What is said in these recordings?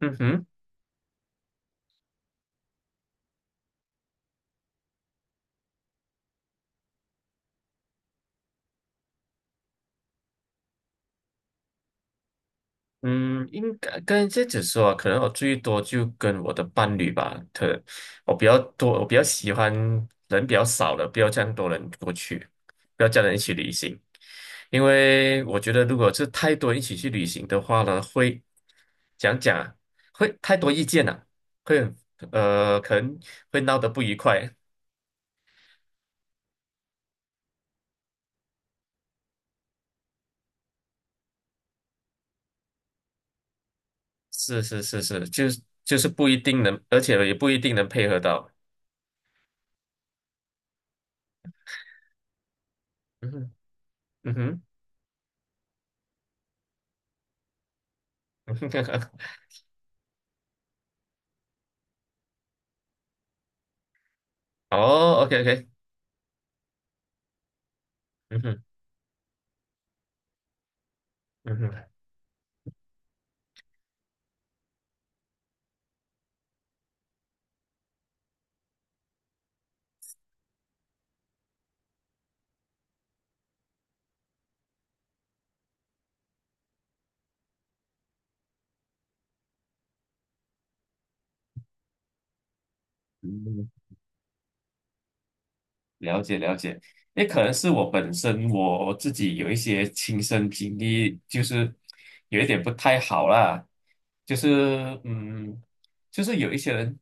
嗯哼。嗯，应该跟这家只说啊，可能我最多就跟我的伴侣吧。我比较多，我比较喜欢人比较少的，不要这样多人过去，不要叫人一起旅行。因为我觉得如果是太多人一起去旅行的话呢，会讲讲啊，会太多意见了，啊，会很可能会闹得不愉快。是是是是，就是不一定能，而且也不一定能配合到。嗯哼，嗯哼。哦，OK OK。嗯哼，嗯哼，嗯，了解了解。也可能是我本身我自己有一些亲身经历，就是有一点不太好啦，就是嗯，就是有一些人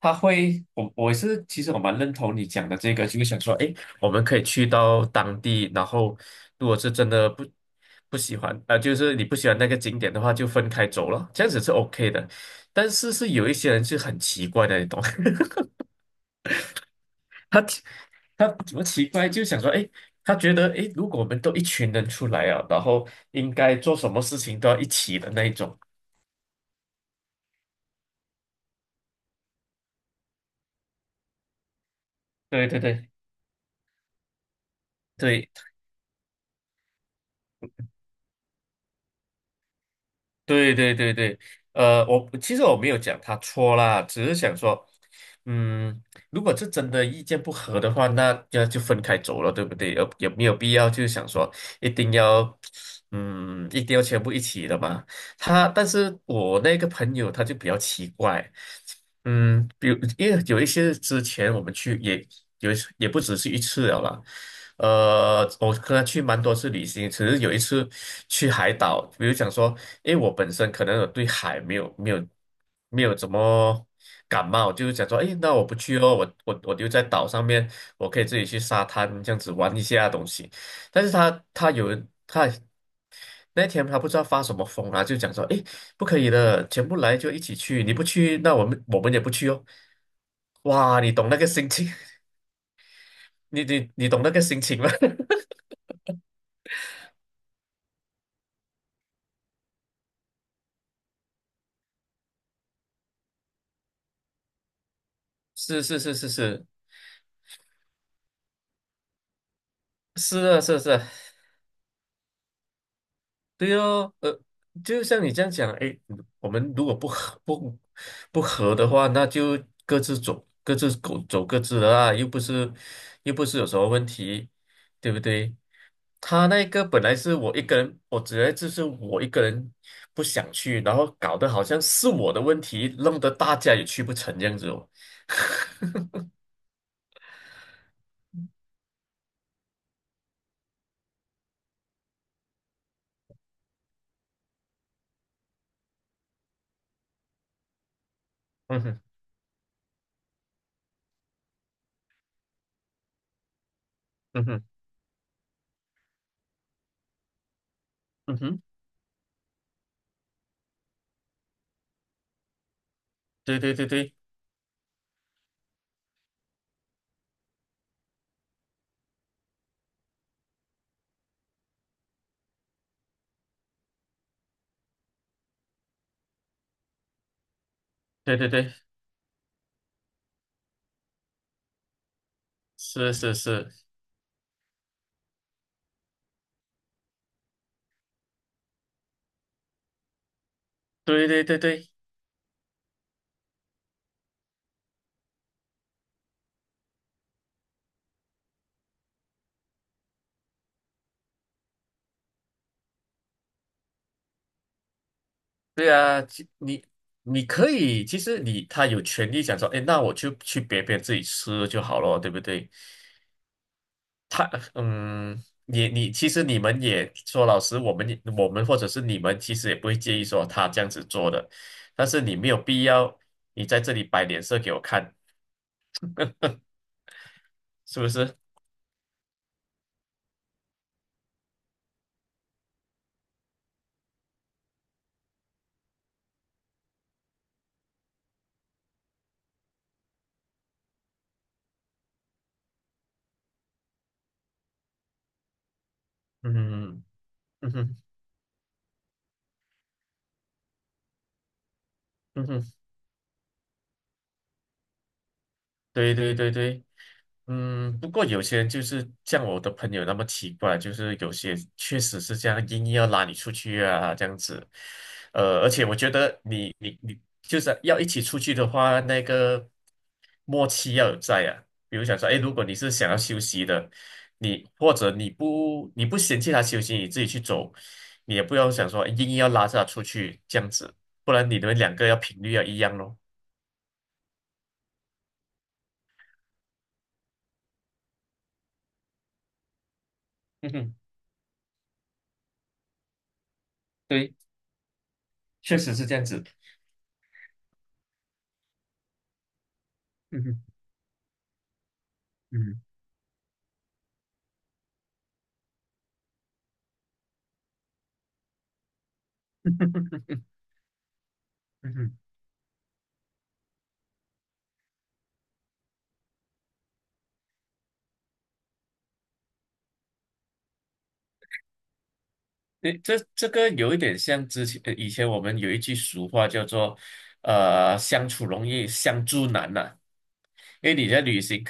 他会，我是其实我蛮认同你讲的这个，就是想说，诶，我们可以去到当地，然后如果是真的不喜欢，就是你不喜欢那个景点的话，就分开走了，这样子是 OK 的。但是是有一些人是很奇怪的，你懂。他他怎么奇怪，就想说，哎，他觉得，哎，如果我们都一群人出来啊，然后应该做什么事情都要一起的那一种。对对对对对对对对。我其实我没有讲他错啦，只是想说，嗯，如果是真的意见不合的话，那要就分开走了，对不对？有没有必要，就是想说一定要，嗯，一定要全部一起的嘛？但是我那个朋友他就比较奇怪。嗯，比如因为有一些之前我们去也有一次，也不只是一次了啦。我跟他去蛮多次旅行，只是有一次去海岛。比如讲说，因为我本身可能我对海没有怎么感冒，就是讲说，哎，那我不去哦，我留在岛上面，我可以自己去沙滩这样子玩一下东西。但是他他有人他那天他不知道发什么疯啊，就讲说，诶，不可以的，全部来就一起去，你不去，那我们也不去哦。哇，你懂那个心情，你懂那个心情吗？是是是是是，是啊，是啊，是啊。对哦，就像你这样讲，诶，我们如果不合的话，那就各自走各自的啊，又不是有什么问题，对不对？他那个本来是我一个人，我觉得就是我一个人不想去，然后搞得好像是我的问题，弄得大家也去不成这样子哦。嗯哼，嗯哼，嗯哼，对对对对对对对，是是是，对对对对。对啊！其你你可以，其实你有权利想说，哎，那我就去别自己吃就好了，对不对？他你其实你们也说老师，我们也我们或者是你们其实也不会介意说他这样子做的，但是你没有必要在这里摆脸色给我看，是不是？嗯，嗯哼，嗯哼，对对对对。嗯，不过有些人就是像我的朋友那么奇怪，就是有些确实是这样，硬要拉你出去啊，这样子。而且我觉得你就是要一起出去的话，那个默契要有在啊。比如想说，哎，如果你是想要休息的，你或者你不嫌弃他休息，你自己去走，你也不要想说诶硬要拉着他出去这样子，不然你们两个要频率要一样咯。嗯哼，对，确实是这样子。嗯哼，嗯。嗯哼，对，这个有一点像以前我们有一句俗话叫做"相处容易相处难"呐。因为你在旅行，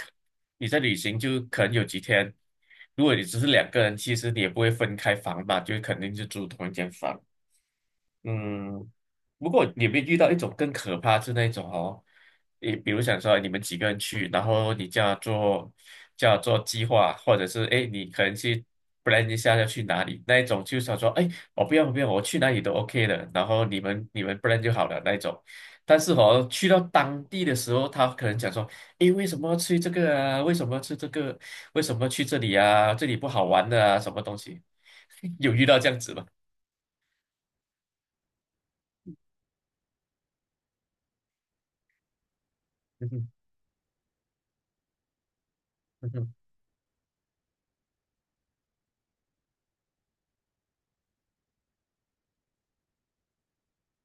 你在旅行就可能有几天。如果你只是两个人，其实你也不会分开房吧，就肯定是住同一间房。嗯，不过你们遇到一种更可怕是那种哦。你比如想说你们几个人去，然后你叫他做计划，或者是哎你可能去 plan 一下要去哪里，那一种就是想说哎我不要我去哪里都 OK 的，然后你们 plan 就好了那一种。但是哦去到当地的时候，他可能讲说哎为什么要去这个啊？为什么要去这个？为什么去这里啊？这里不好玩的啊？什么东西？有遇到这样子吗？嗯哼，嗯哼，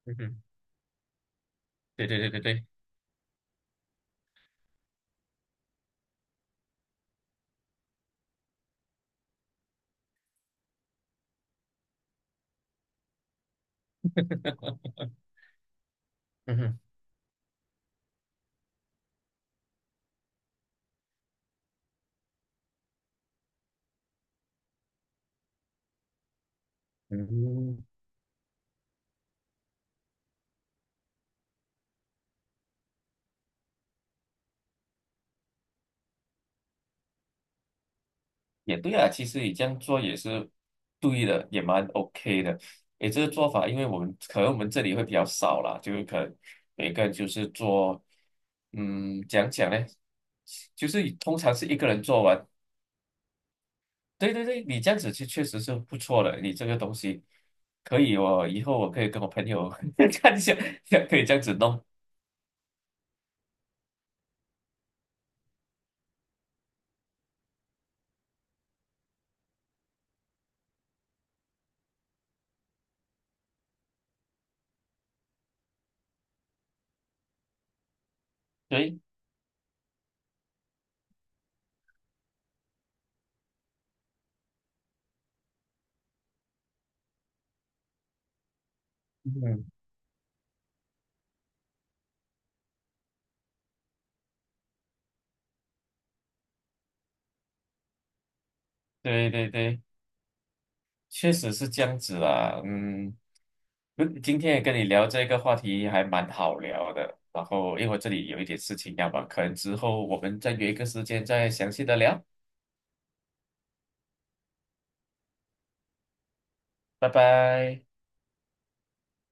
嗯哼，对对对对对，嗯哼，嗯，也对啊。其实你这样做也是对的，也蛮 OK 的。诶，这个做法，因为我们可能这里会比较少啦，就是可能每个人就是做，嗯，讲讲呢，就是通常是一个人做完。对对对，你这样子其实确实是不错的，你这个东西可以哦，我以后可以跟我朋友 看一下，可以这样子弄。对，嗯，对对对。确实是这样子啊。嗯，不今天也跟你聊这个话题还蛮好聊的。然后，因为我这里有一点事情要忙，可能之后我们再约一个时间再详细的聊。拜拜。